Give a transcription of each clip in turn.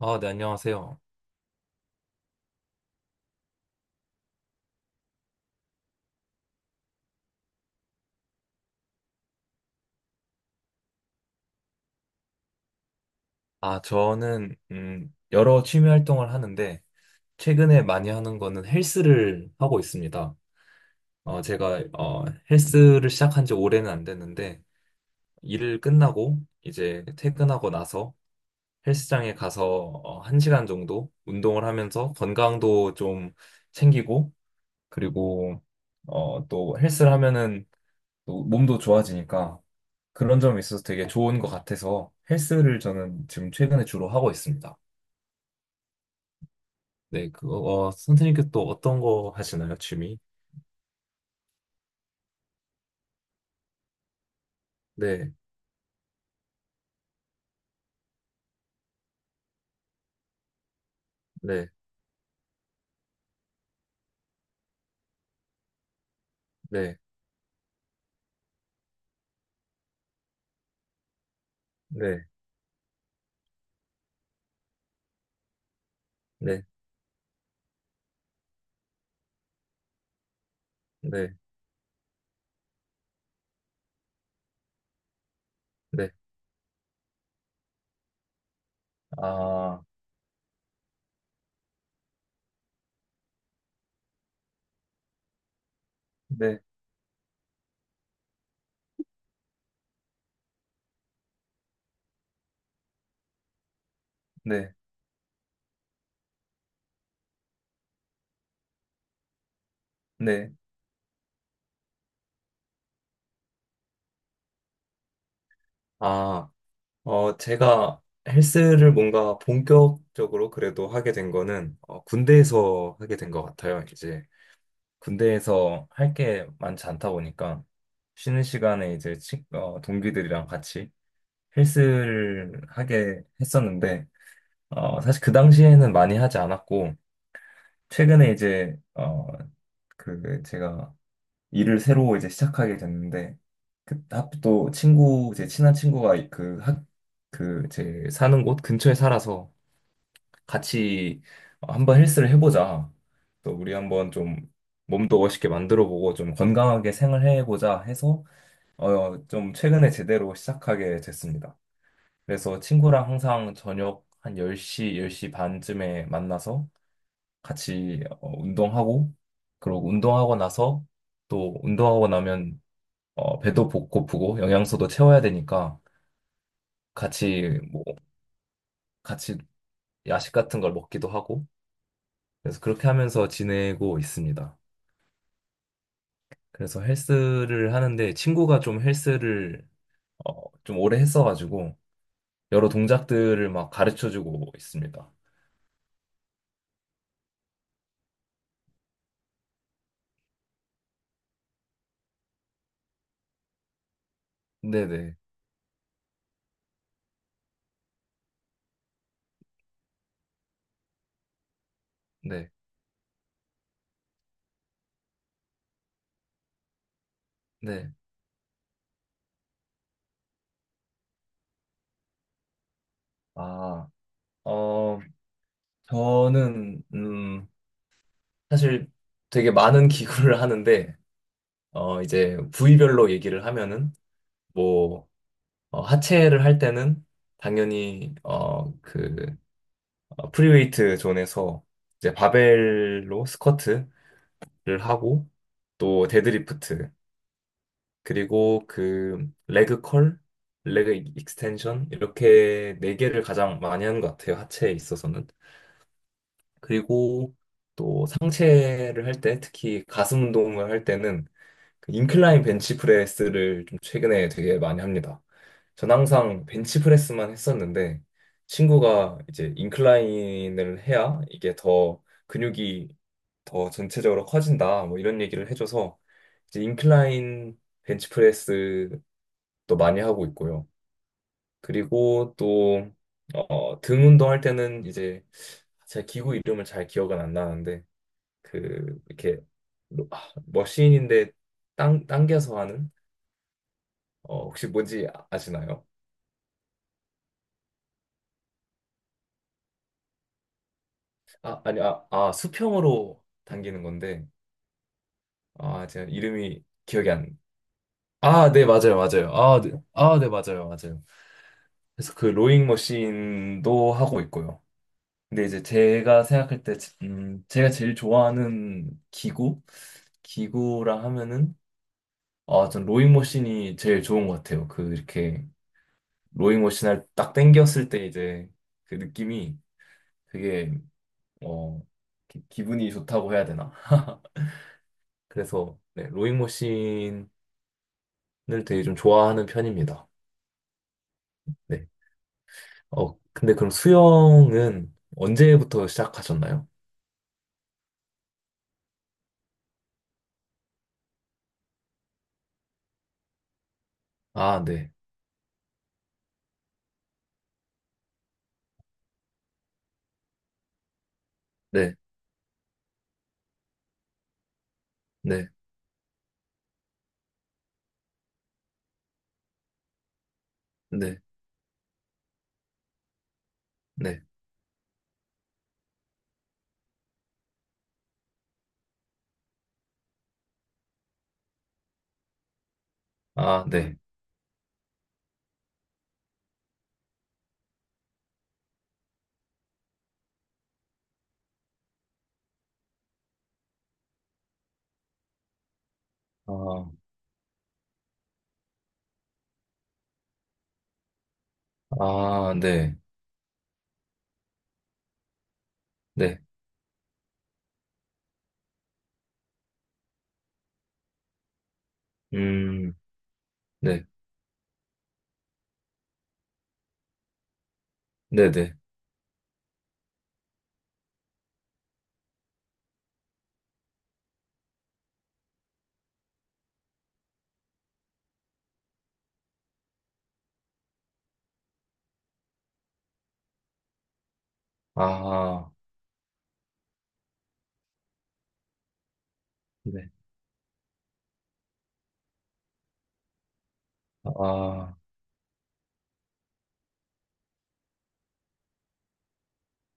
아, 네, 안녕하세요. 아, 저는, 여러 취미 활동을 하는데, 최근에 많이 하는 거는 헬스를 하고 있습니다. 제가, 헬스를 시작한 지 오래는 안 됐는데, 일을 끝나고, 이제 퇴근하고 나서 헬스장에 가서, 한 시간 정도 운동을 하면서 건강도 좀 챙기고, 그리고, 또 헬스를 하면은 또 몸도 좋아지니까, 그런 점이 있어서 되게 좋은 것 같아서 헬스를 저는 지금 최근에 주로 하고 있습니다. 네, 그거, 선생님께 또 어떤 거 하시나요, 취미? 네, 네, 네, 네, 네, 네, 네, 아, 네, 네, 네. 아, 제가 헬스를 뭔가 본격적으로 그래도 하게 된 거는, 군대에서 하게 된 것 같아요, 이제. 군대에서 할 게 많지 않다 보니까, 쉬는 시간에 이제 동기들이랑 같이 헬스를 하게 했었는데, 사실 그 당시에는 많이 하지 않았고, 최근에 이제 어그 그 제가 일을 새로 이제 시작하게 됐는데 그또 친구 제 친한 친구가 그학그제 사는 곳 근처에 살아서 같이 한번 헬스를 해보자 또 우리 한번 좀 몸도 멋있게 만들어보고 좀 건강하게 생활해보자 해서 좀 최근에 제대로 시작하게 됐습니다. 그래서 친구랑 항상 저녁 한 10시, 10시 반쯤에 만나서 같이 운동하고 그리고 운동하고 나서 또 운동하고 나면 배도 고프고 영양소도 채워야 되니까 같이 뭐 같이 야식 같은 걸 먹기도 하고 그래서 그렇게 하면서 지내고 있습니다. 그래서 헬스를 하는데 친구가 좀 헬스를 좀 오래 했어가지고 여러 동작들을 막 가르쳐주고 있습니다. 네네 네 네. 아, 어, 저는, 사실 되게 많은 기구를 하는데, 이제 부위별로 얘기를 하면은, 뭐, 하체를 할 때는 당연히, 프리웨이트 존에서 이제 바벨로 스쿼트를 하고, 또 데드리프트, 그리고 그, 레그 컬, 레그 익스텐션, 이렇게 네 개를 가장 많이 하는 것 같아요. 하체에 있어서는. 그리고 또 상체를 할 때, 특히 가슴 운동을 할 때는 그 인클라인 벤치프레스를 좀 최근에 되게 많이 합니다. 전 항상 벤치프레스만 했었는데 친구가 이제 인클라인을 해야 이게 더 근육이 더 전체적으로 커진다 뭐 이런 얘기를 해줘서 이제 인클라인 벤치프레스도 많이 하고 있고요. 그리고 또 등 운동할 때는 이제 제 기구 이름을 잘 기억은 안 나는데 그 이렇게 머신인데 당겨서 하는 혹시 뭔지 아시나요? 아, 아니, 수평으로 당기는 건데, 아, 제가 이름이 기억이 안, 아, 네, 맞아요, 맞아요. 아, 네, 아, 네, 맞아요, 맞아요. 그래서 그 로잉 머신도 하고 있고요. 근데 이제 제가 생각할 때, 제가 제일 좋아하는 기구? 기구라 하면은, 아, 전 로잉 머신이 제일 좋은 것 같아요. 그, 이렇게, 로잉 머신을 딱 당겼을 때 이제 그 느낌이 되게, 어, 기분이 좋다고 해야 되나? 그래서 네, 로잉머신을 되게 좀 좋아하는 편입니다. 네. 근데 그럼 수영은 언제부터 시작하셨나요? 아, 네. 네. 네. 네. 네. 아, 네. 아, 아, 네. 네. 음, 네. 네, 네. 아, 네. 아,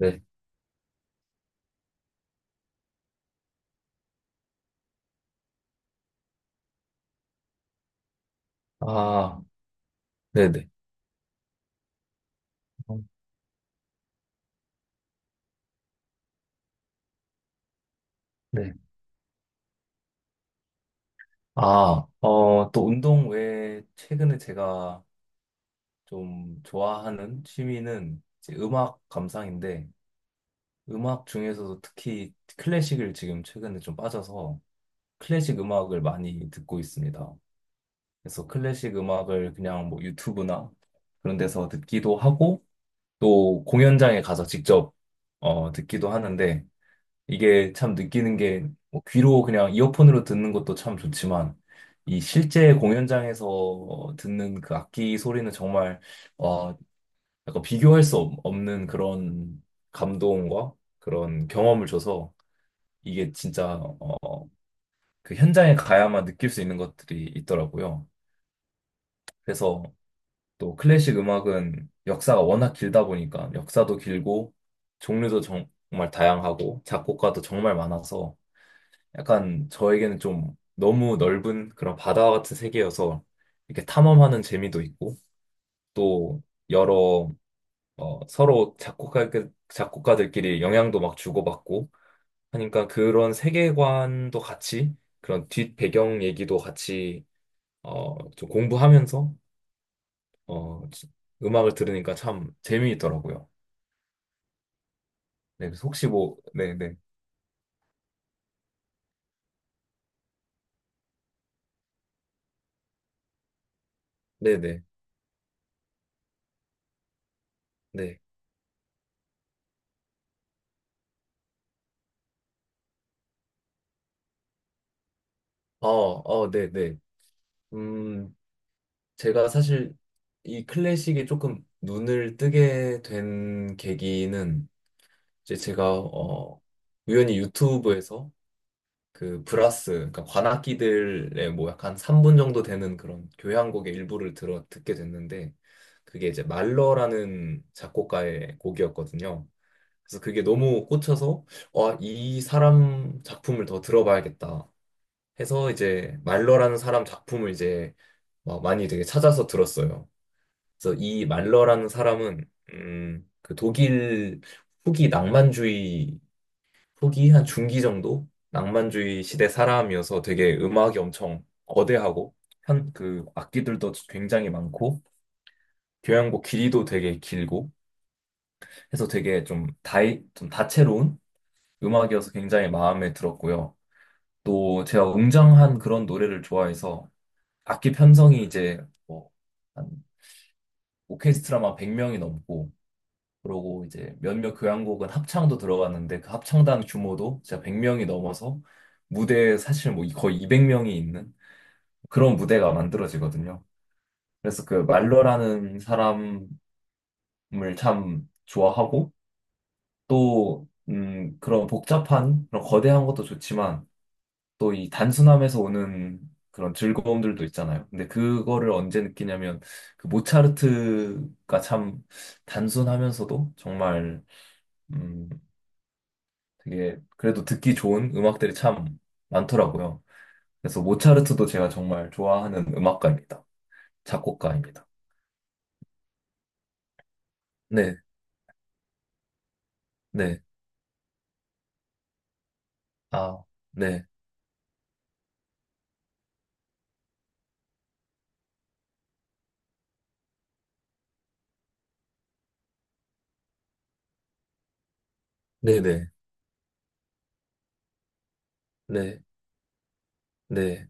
네. 아, 네, 네. 네. 아, 또 운동 외에 최근에 제가 좀 좋아하는 취미는 이제 음악 감상인데 음악 중에서도 특히 클래식을 지금 최근에 좀 빠져서 클래식 음악을 많이 듣고 있습니다. 그래서 클래식 음악을 그냥 뭐 유튜브나 그런 데서 듣기도 하고 또 공연장에 가서 직접 듣기도 하는데 이게 참 느끼는 게뭐 귀로 그냥 이어폰으로 듣는 것도 참 좋지만 이 실제 공연장에서 듣는 그 악기 소리는 정말 와, 약간 비교할 수 없는 그런 감동과 그런 경험을 줘서 이게 진짜 어, 그 현장에 가야만 느낄 수 있는 것들이 있더라고요. 그래서 또 클래식 음악은 역사가 워낙 길다 보니까 역사도 길고 종류도 정말 다양하고 작곡가도 정말 많아서 약간 저에게는 좀 너무 넓은 그런 바다와 같은 세계여서 이렇게 탐험하는 재미도 있고 또 여러 서로 작곡가들끼리 영향도 막 주고받고 하니까 그런 세계관도 같이 그런 뒷 배경 얘기도 같이 좀 공부하면서 어, 음악을 들으니까 참 재미있더라고요. 네, 그래서 혹시 뭐, 네, 네, 네, 네, 네, 네, 네. 음, 제가 사실 이 클래식에 조금 눈을 뜨게 된 계기는 이제 제가 우연히 유튜브에서 그 브라스, 그러니까 관악기들의 뭐 약간 3분 정도 되는 그런 교향곡의 일부를 들어 듣게 됐는데 그게 이제 말러라는 작곡가의 곡이었거든요. 그래서 그게 너무 꽂혀서 와, 이 사람 작품을 더 들어봐야겠다 해서 이제 말러라는 사람 작품을 이제 막 많이 되게 찾아서 들었어요. 그래서 이 말러라는 사람은 그 독일 후기 낭만주의 후기 한 중기 정도 낭만주의 시대 사람이어서 되게 음악이 엄청 거대하고 현 그 악기들도 굉장히 많고 교향곡 길이도 되게 길고 해서 되게 좀 다이 좀 다채로운 음악이어서 굉장히 마음에 들었고요. 또 제가 웅장한 그런 노래를 좋아해서 악기 편성이 이제 뭐 한 오케스트라만 100명이 넘고 그러고 이제 몇몇 교향곡은 합창도 들어갔는데 그 합창단 규모도 진짜 100명이 넘어서 무대에 사실 뭐 거의 200명이 있는 그런 무대가 만들어지거든요. 그래서 그 말러라는 사람을 참 좋아하고 또 그런 복잡한 그런 거대한 것도 좋지만 또 이 단순함에서 오는 그런 즐거움들도 있잖아요. 근데 그거를 언제 느끼냐면 그 모차르트가 참 단순하면서도 정말 음, 되게 그래도 듣기 좋은 음악들이 참 많더라고요. 그래서 모차르트도 제가 정말 좋아하는 음악가입니다. 작곡가입니다. 네, 네, 아, 네, 네, 네, 네, 네,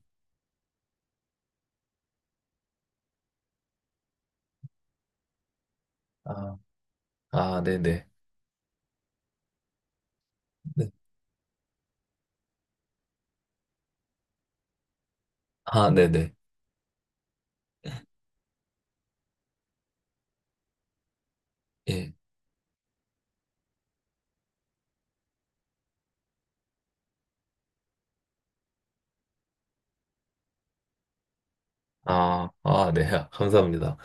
아, 아, 네, 네, 네, 아, 네, 네, 예, 아, 아, 네, 아, 감사합니다.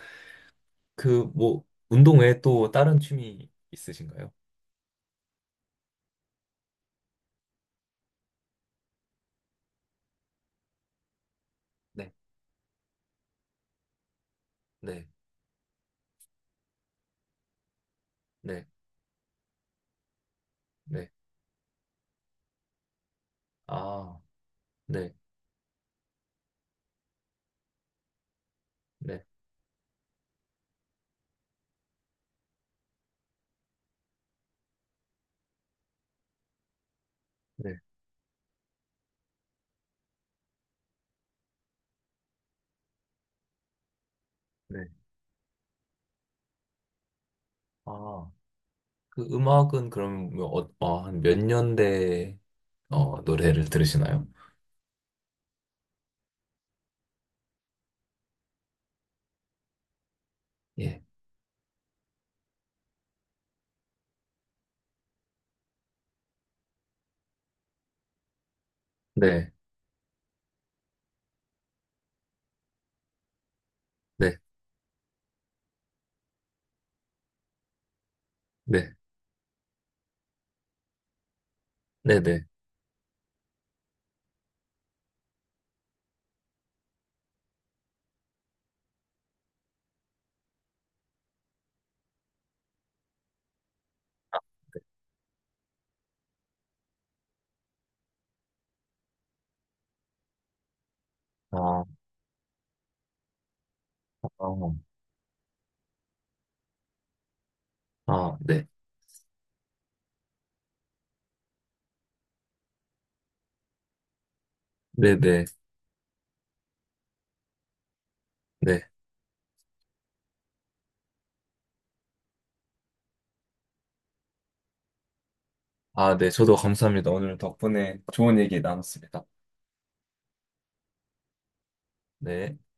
그 뭐 운동 외에 또 다른 취미 있으신가요? 네, 네, 네, 네, 아, 네, 네, 네, 네, 아, 그 음악은 그럼 뭐, 아, 한몇 년대 노래를 들으시나요? 예. 네, 네, 네, 네, 네. 아, 어, 아, 네, 네, 네, 네. 아, 네, 저도 감사합니다. 오늘 덕분에 좋은 얘기 나눴습니다. 네.